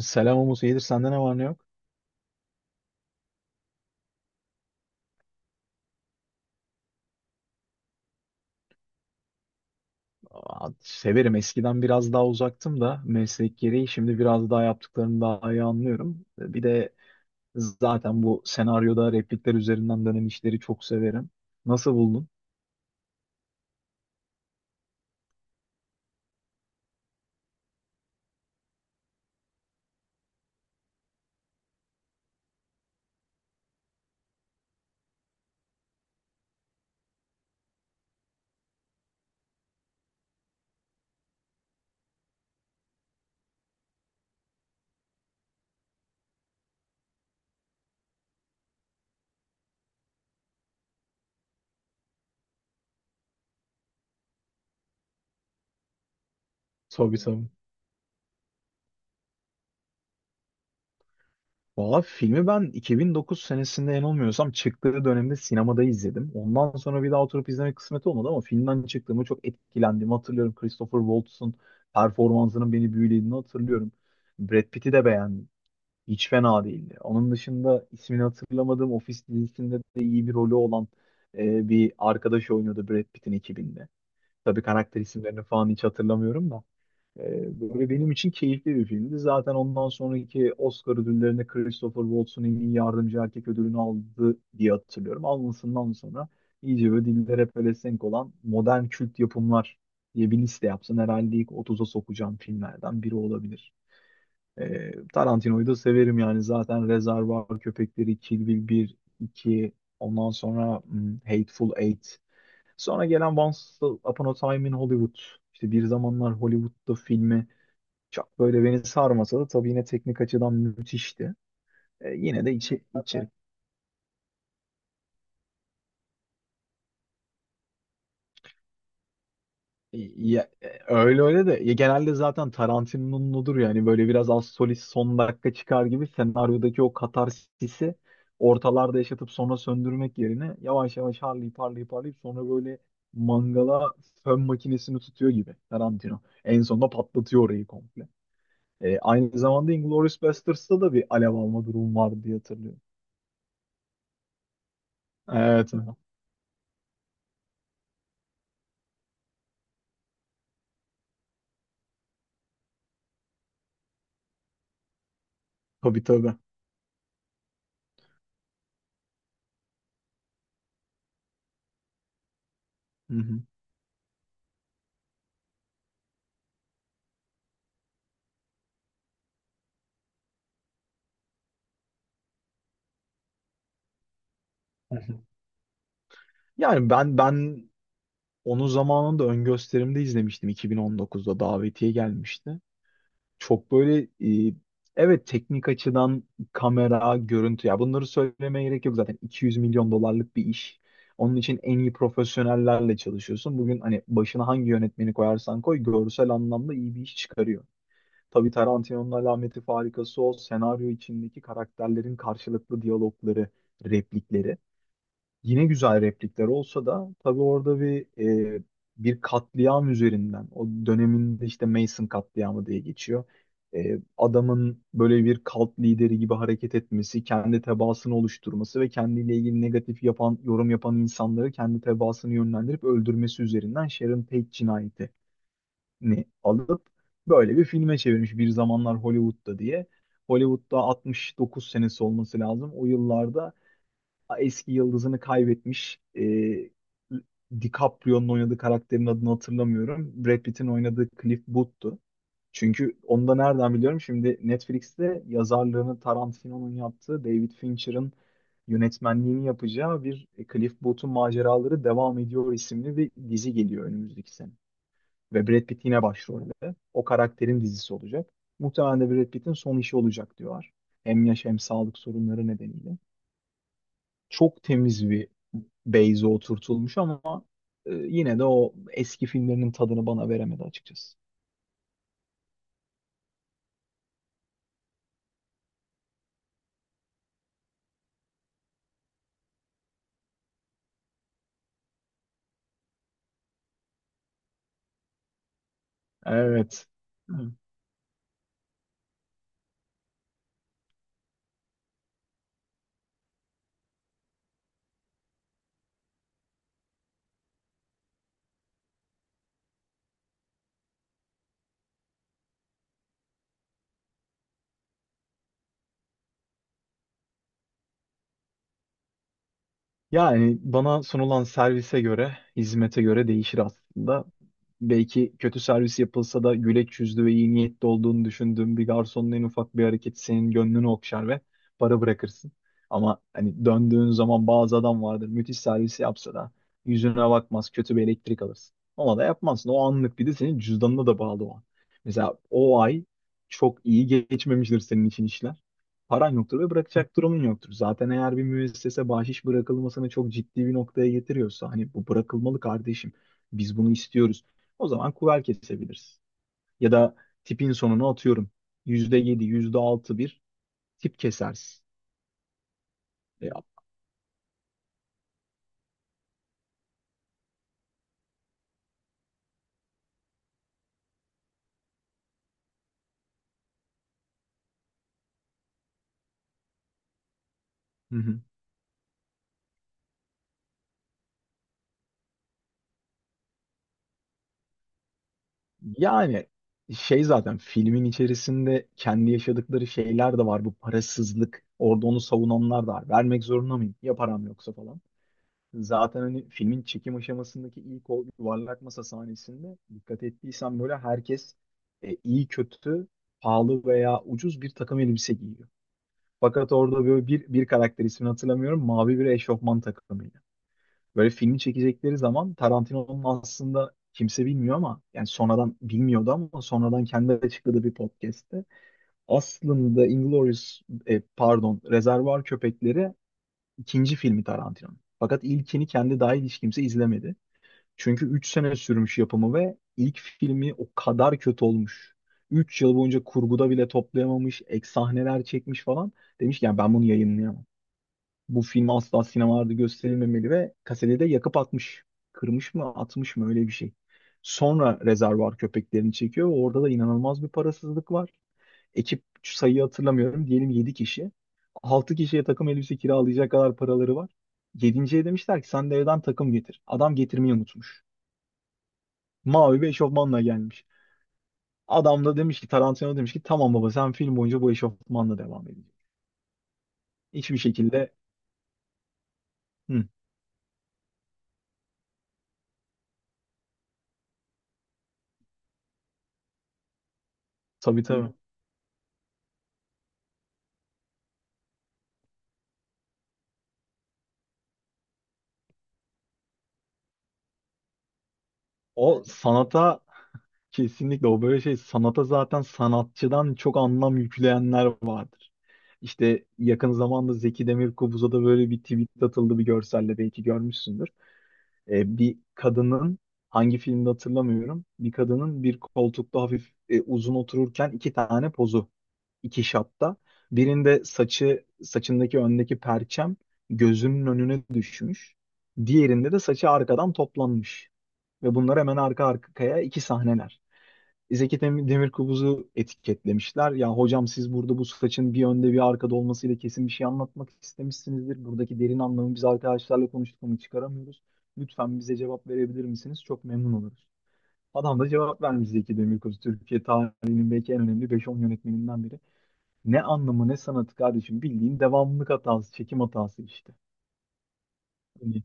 Selam Umut, iyidir sende ne var ne yok? Aa, severim. Eskiden biraz daha uzaktım da meslek gereği şimdi biraz daha yaptıklarını daha iyi anlıyorum. Bir de zaten bu senaryoda replikler üzerinden dönen işleri çok severim. Nasıl buldun? Tabii, tabii. Valla filmi ben 2009 senesinde yanılmıyorsam çıktığı dönemde sinemada izledim. Ondan sonra bir daha oturup izlemek kısmet olmadı ama filmden çıktığımı, çok etkilendiğimi hatırlıyorum. Christopher Waltz'ın performansının beni büyülediğini hatırlıyorum. Brad Pitt'i de beğendim. Hiç fena değildi. Onun dışında ismini hatırlamadığım Office dizisinde de iyi bir rolü olan bir arkadaş oynuyordu Brad Pitt'in ekibinde. Tabii karakter isimlerini falan hiç hatırlamıyorum da. Böyle benim için keyifli bir filmdi. Zaten ondan sonraki Oscar ödüllerinde Christopher Waltz'un en iyi yardımcı erkek ödülünü aldı diye hatırlıyorum. Almasından sonra iyice böyle dillere pelesenk olan modern kült yapımlar diye bir liste yapsın, herhalde ilk 30'a sokacağım filmlerden biri olabilir. Tarantino'yu da severim, yani zaten Rezervuar Köpekleri, Kill Bill bir iki, ondan sonra Hateful Eight. Sonra gelen Once Upon a Time in Hollywood. İşte bir zamanlar Hollywood'da filmi çok böyle beni sarmasa da tabii yine teknik açıdan müthişti. E, yine de içi, içi- Ya, öyle öyle de ya, genelde zaten Tarantino'nun odur, yani böyle biraz az solist son dakika çıkar gibi. Senaryodaki o katarsisi ortalarda yaşatıp sonra söndürmek yerine yavaş yavaş harlayıp harlayıp harlayıp sonra böyle mangala fön makinesini tutuyor gibi Tarantino. En sonunda patlatıyor orayı komple. Aynı zamanda Inglourious Basterds'ta da bir alev alma durum vardı diye hatırlıyorum. Evet. Evet. Tabii, tabii. Hı hı. Yani ben onu zamanında ön gösterimde izlemiştim, 2019'da davetiye gelmişti. Çok böyle, e, evet, teknik açıdan kamera, görüntü, ya bunları söylemeye gerek yok, zaten 200 milyon dolarlık bir iş. Onun için en iyi profesyonellerle çalışıyorsun. Bugün hani başına hangi yönetmeni koyarsan koy görsel anlamda iyi bir iş çıkarıyor. Tabii Tarantino'nun alameti farikası o senaryo içindeki karakterlerin karşılıklı diyalogları, replikleri. Yine güzel replikler olsa da tabii orada e, bir katliam üzerinden, o döneminde işte Mason katliamı diye geçiyor. Adamın böyle bir kalt lideri gibi hareket etmesi, kendi tebaasını oluşturması ve kendiyle ilgili negatif yapan, yorum yapan insanları kendi tebaasını yönlendirip öldürmesi üzerinden Sharon Tate cinayetini alıp böyle bir filme çevirmiş, bir zamanlar Hollywood'da diye. Hollywood'da 69 senesi olması lazım. O yıllarda eski yıldızını kaybetmiş. DiCaprio'nun oynadığı karakterin adını hatırlamıyorum. Brad Pitt'in oynadığı Cliff Booth'tu. Çünkü onu da nereden biliyorum? Şimdi Netflix'te yazarlığını Tarantino'nun yaptığı, David Fincher'ın yönetmenliğini yapacağı bir Cliff Booth'un Maceraları Devam Ediyor isimli bir dizi geliyor önümüzdeki sene. Ve Brad Pitt yine başrolde. O karakterin dizisi olacak. Muhtemelen de Brad Pitt'in son işi olacak diyorlar. Hem yaş hem sağlık sorunları nedeniyle çok temiz bir base'e oturtulmuş ama yine de o eski filmlerinin tadını bana veremedi açıkçası. Evet. Yani bana sunulan servise göre, hizmete göre değişir aslında. Belki kötü servis yapılsa da güleç yüzlü ve iyi niyetli olduğunu düşündüğüm bir garsonun en ufak bir hareketi senin gönlünü okşar ve para bırakırsın. Ama hani döndüğün zaman bazı adam vardır, müthiş servisi yapsa da yüzüne bakmaz, kötü bir elektrik alırsın. Ona da yapmazsın. O anlık, bir de senin cüzdanına da bağlı o an. Mesela o ay çok iyi geçmemiştir senin için işler, paran yoktur ve bırakacak durumun yoktur. Zaten eğer bir müessese bahşiş bırakılmasını çok ciddi bir noktaya getiriyorsa, hani bu bırakılmalı kardeşim, biz bunu istiyoruz, o zaman kuver kesebiliriz. Ya da tipin sonuna atıyorum, yüzde yedi, yüzde altı bir tip kesersin. E, Hı hı. Yani şey, zaten filmin içerisinde kendi yaşadıkları şeyler de var. Bu parasızlık. Orada onu savunanlar da var. Vermek zorunda mıyım? Ya param yoksa falan. Zaten hani filmin çekim aşamasındaki ilk o yuvarlak masa sahnesinde dikkat ettiysen böyle herkes iyi kötü, pahalı veya ucuz bir takım elbise giyiyor. Fakat orada böyle bir karakter, ismini hatırlamıyorum, mavi bir eşofman takımı. Böyle filmi çekecekleri zaman Tarantino'nun, aslında kimse bilmiyor ama, yani sonradan bilmiyordu ama sonradan kendi açıkladığı bir podcast'te, aslında Inglourious, pardon, Rezervuar Köpekleri ikinci filmi Tarantino'nun. Fakat ilkini kendi dahil hiç kimse izlemedi. Çünkü 3 sene sürmüş yapımı ve ilk filmi o kadar kötü olmuş. 3 yıl boyunca kurguda bile toplayamamış, ek sahneler çekmiş falan. Demiş ki yani ben bunu yayınlayamam, bu film asla sinemalarda gösterilmemeli ve kaseti de yakıp atmış. Kırmış mı atmış mı öyle bir şey. Sonra Rezervuar Köpeklerini çekiyor. Orada da inanılmaz bir parasızlık var. Ekip sayıyı hatırlamıyorum, diyelim 7 kişi. 6 kişiye takım elbise kiralayacak kadar paraları var. Yedinciye demişler ki sen de evden takım getir. Adam getirmeyi unutmuş, mavi bir eşofmanla gelmiş. Adam da demiş ki, Tarantino demiş ki, tamam baba sen film boyunca bu eşofmanla devam edeceksin. Hiçbir şekilde. Hı, tabii, tabii. O sanata Kesinlikle, o böyle şey, sanata zaten sanatçıdan çok anlam yükleyenler vardır. İşte yakın zamanda Zeki Demirkubuz'a da böyle bir tweet atıldı bir görselle, belki görmüşsündür. Bir kadının, hangi filmde hatırlamıyorum, bir kadının bir koltukta hafif uzun otururken iki tane pozu, iki şatta. Birinde saçı, saçındaki öndeki perçem gözünün önüne düşmüş. Diğerinde de saçı arkadan toplanmış. Ve bunlar hemen arka arkaya iki sahneler. Demirkubuz'u etiketlemişler. Ya hocam, siz burada bu saçın bir önde bir arkada olmasıyla kesin bir şey anlatmak istemişsinizdir. Buradaki derin anlamı biz arkadaşlarla konuştuk ama çıkaramıyoruz. Lütfen bize cevap verebilir misiniz? Çok memnun oluruz. Adam da cevap vermiş, Zeki Demirkubuz, Türkiye tarihinin belki en önemli beş on yönetmeninden biri: ne anlamı ne sanatı kardeşim, bildiğin devamlılık hatası, çekim hatası işte. Hani-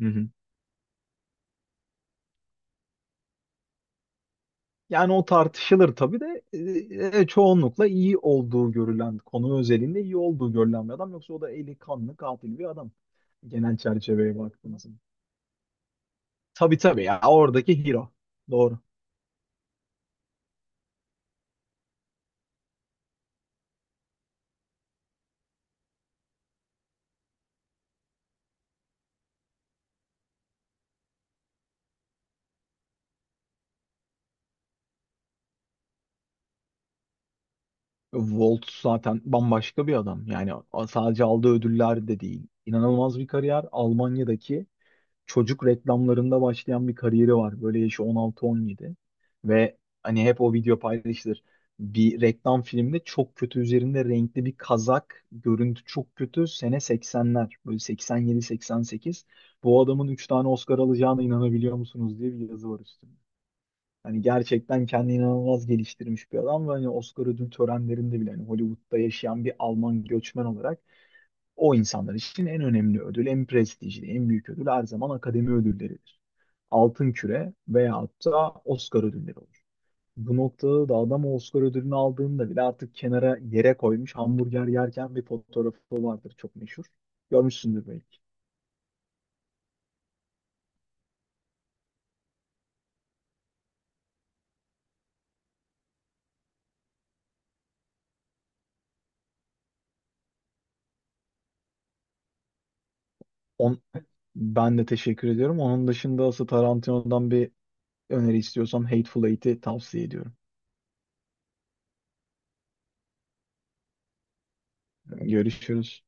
Hı hı. Yani o tartışılır tabii de, çoğunlukla iyi olduğu görülen, konu özelinde iyi olduğu görülen bir adam. Yoksa o da eli kanlı katil bir adam. Genel çerçeveye baktığımızda. Tabii, tabii, ya oradaki hero. Doğru. Volt zaten bambaşka bir adam. Yani sadece aldığı ödüller de değil. İnanılmaz bir kariyer. Almanya'daki çocuk reklamlarında başlayan bir kariyeri var. Böyle yaşı 16-17 ve hani hep o video paylaşılır. Bir reklam filmde, çok kötü, üzerinde renkli bir kazak, görüntü çok kötü. Sene 80'ler, böyle 87-88. Bu adamın 3 tane Oscar alacağına inanabiliyor musunuz diye bir yazı var üstünde. Hani gerçekten kendini inanılmaz geliştirmiş bir adam ve hani Oscar ödül törenlerinde bile, hani Hollywood'da yaşayan bir Alman göçmen olarak, o insanlar için en önemli ödül, en prestijli, en büyük ödül her zaman akademi ödülleridir. Altın Küre veyahut da Oscar ödülleri olur. Bu noktada da adam o Oscar ödülünü aldığında bile artık kenara yere koymuş hamburger yerken bir fotoğrafı vardır, çok meşhur. Görmüşsündür belki. On, Ben de teşekkür ediyorum. Onun dışında asıl Tarantino'dan bir öneri istiyorsan Hateful Eight'i tavsiye ediyorum. Görüşürüz.